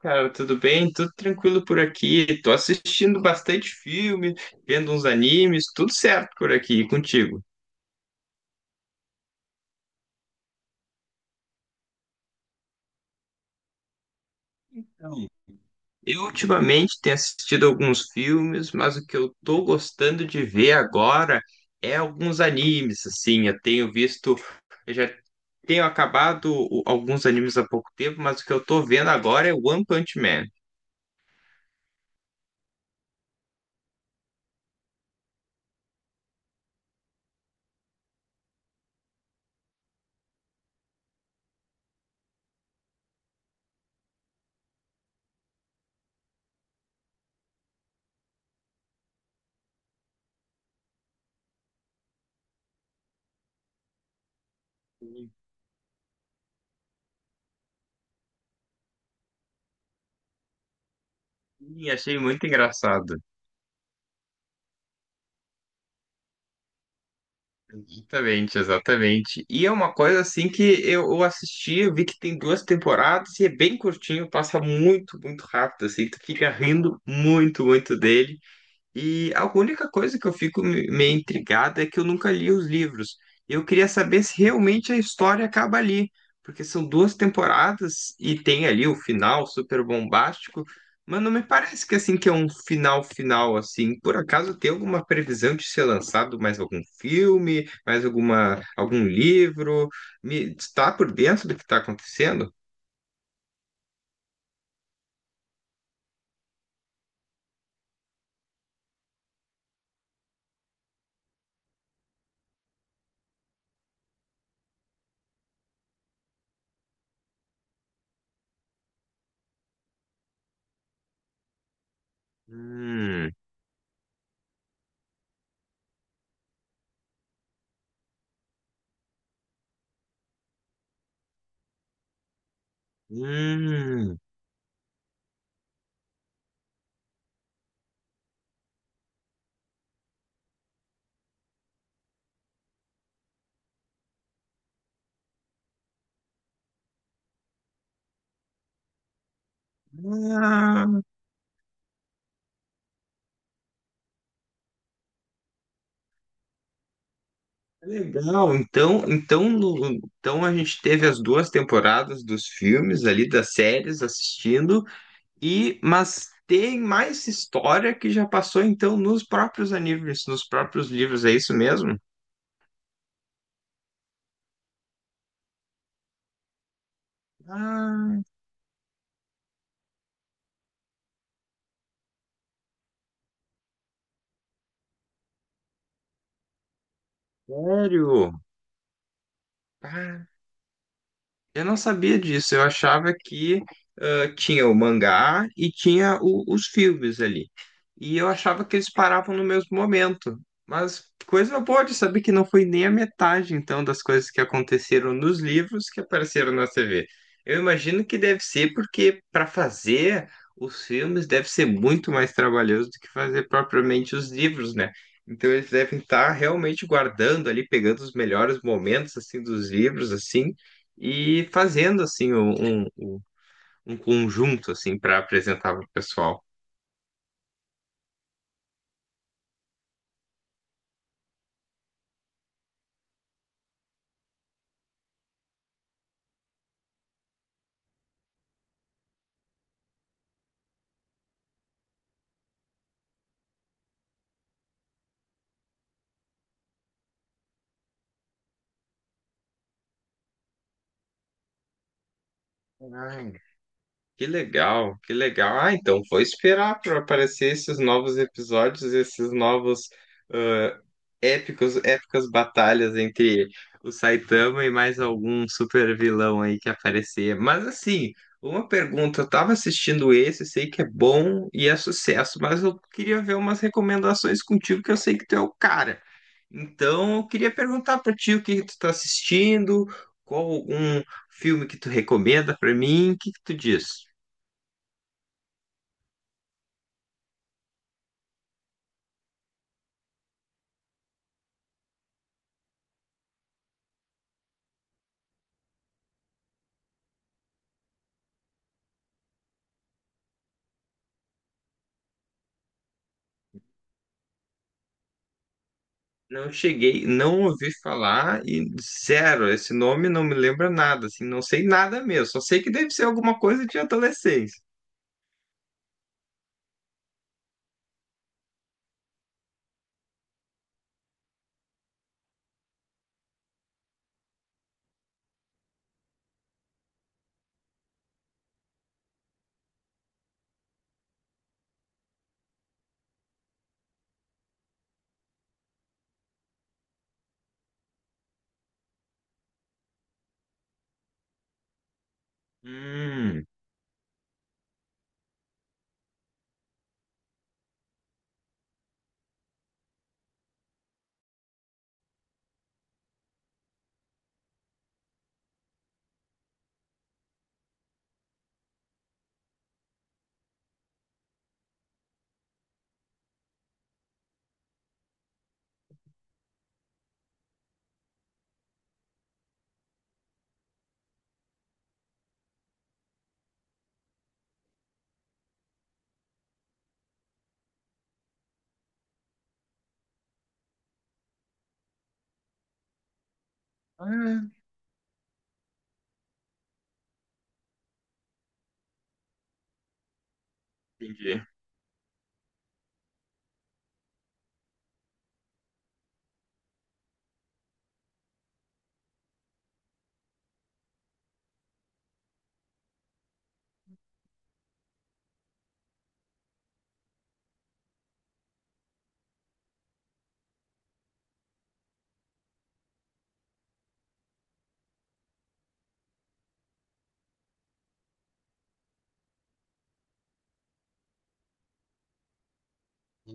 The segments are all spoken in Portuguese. Cara, tudo bem? Tudo tranquilo por aqui. Tô assistindo bastante filme, vendo uns animes, tudo certo por aqui, e contigo. Eu ultimamente tenho assistido alguns filmes, mas o que eu tô gostando de ver agora é alguns animes, assim. Eu tenho visto, eu já tenho acabado alguns animes há pouco tempo, mas o que eu tô vendo agora é One Punch Man. E, achei muito engraçado. Exatamente, exatamente. E é uma coisa assim que eu assisti, eu vi que tem duas temporadas e é bem curtinho, passa muito, muito rápido, assim, tu fica rindo muito, muito dele. E a única coisa que eu fico meio intrigado é que eu nunca li os livros. E eu queria saber se realmente a história acaba ali, porque são duas temporadas e tem ali o final super bombástico, mas não me parece que assim que é um final final assim. Por acaso tem alguma previsão de ser lançado mais algum filme, mais algum livro? Me está por dentro do que está acontecendo? Hum, hum. Legal, então, então, então a gente teve as duas temporadas dos filmes ali, das séries assistindo, e mas tem mais história que já passou então nos próprios animes, nos próprios livros, é isso mesmo? Ah, sério? Eu não sabia disso, eu achava que ah, tinha o mangá e tinha os filmes ali. E eu achava que eles paravam no mesmo momento. Mas coisa boa de saber que não foi nem a metade, então, das coisas que aconteceram nos livros que apareceram na TV. Eu imagino que deve ser porque para fazer os filmes deve ser muito mais trabalhoso do que fazer propriamente os livros, né? Então eles devem estar realmente guardando ali, pegando os melhores momentos assim dos livros assim e fazendo assim um conjunto assim para apresentar para o pessoal. Ai, que legal, que legal. Ah, então vou esperar para aparecer esses novos episódios, esses novos ah, épicos, épicas batalhas entre o Saitama e mais algum super vilão aí que aparecer. Mas assim, uma pergunta, eu tava assistindo esse, sei que é bom e é sucesso, mas eu queria ver umas recomendações contigo que eu sei que tu é o cara. Então, eu queria perguntar para ti o que tu tá assistindo, qual um filme que tu recomenda para mim, o que que tu diz? Não cheguei, não ouvi falar e zero, esse nome não me lembra nada, assim, não sei nada mesmo, só sei que deve ser alguma coisa de adolescência. Hum, entendi.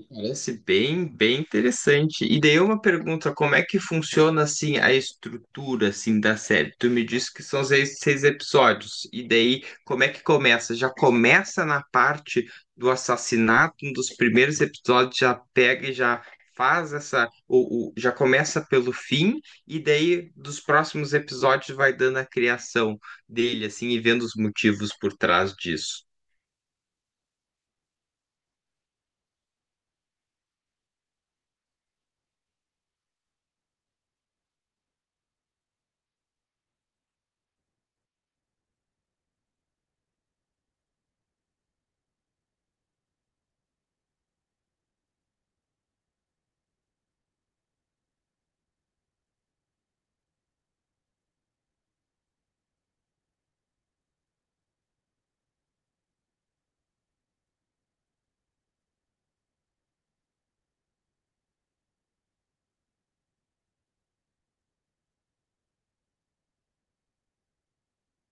Parece bem, bem interessante. E daí uma pergunta, como é que funciona assim a estrutura assim da série? Tu me disse que são seis, seis episódios. E daí como é que começa? Já começa na parte do assassinato, um dos primeiros episódios já pega e já faz essa já começa pelo fim e daí dos próximos episódios vai dando a criação dele assim e vendo os motivos por trás disso.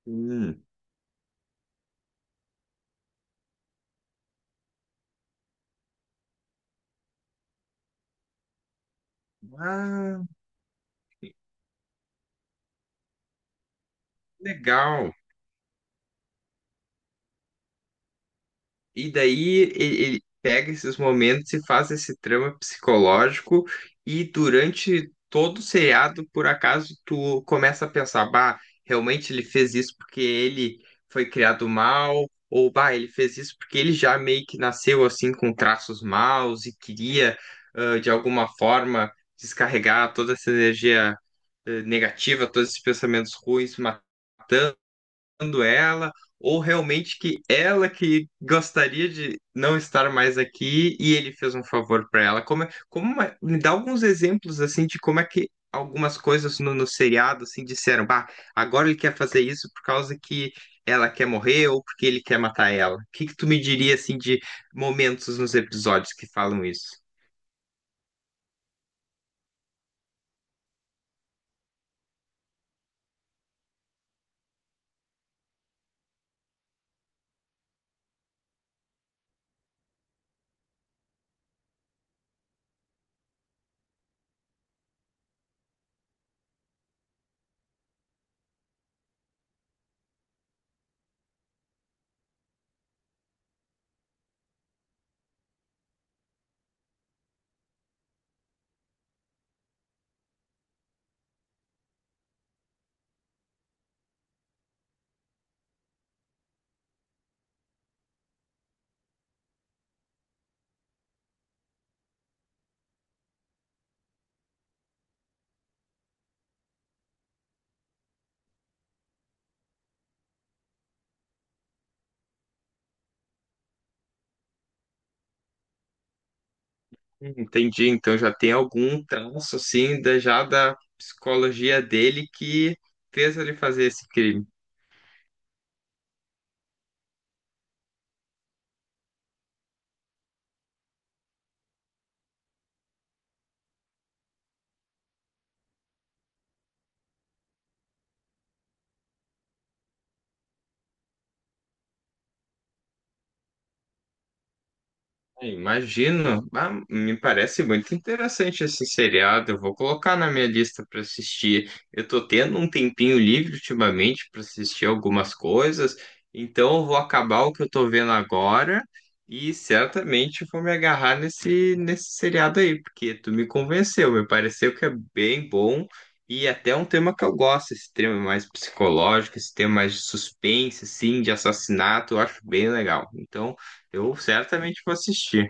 Hum. Ah, legal. E daí ele pega esses momentos e faz esse trama psicológico, e durante todo o seriado, por acaso, tu começa a pensar, bah, realmente ele fez isso porque ele foi criado mal, ou bah, ele fez isso porque ele já meio que nasceu assim com traços maus e queria, ah, de alguma forma, descarregar toda essa energia, negativa, todos esses pensamentos ruins, matando procurando ela, ou realmente que ela que gostaria de não estar mais aqui e ele fez um favor para ela. Como, como me dá alguns exemplos assim de como é que algumas coisas no seriado assim disseram, bah, agora ele quer fazer isso por causa que ela quer morrer ou porque ele quer matar ela. O que que tu me diria assim de momentos nos episódios que falam isso? Entendi, então já tem algum traço assim da, já da psicologia dele que fez ele fazer esse crime. Imagino. Ah, me parece muito interessante esse seriado. Eu vou colocar na minha lista para assistir. Eu tô tendo um tempinho livre ultimamente para assistir algumas coisas, então eu vou acabar o que eu tô vendo agora e certamente vou me agarrar nesse seriado aí, porque tu me convenceu. Me pareceu que é bem bom e até é um tema que eu gosto, esse tema mais psicológico, esse tema mais de suspense, assim, de assassinato, eu acho bem legal. Então eu certamente vou assistir.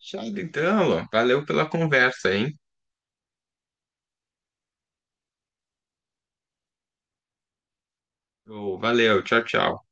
Fechado então, Alan. Valeu pela conversa, hein? Ô, valeu, tchau, tchau.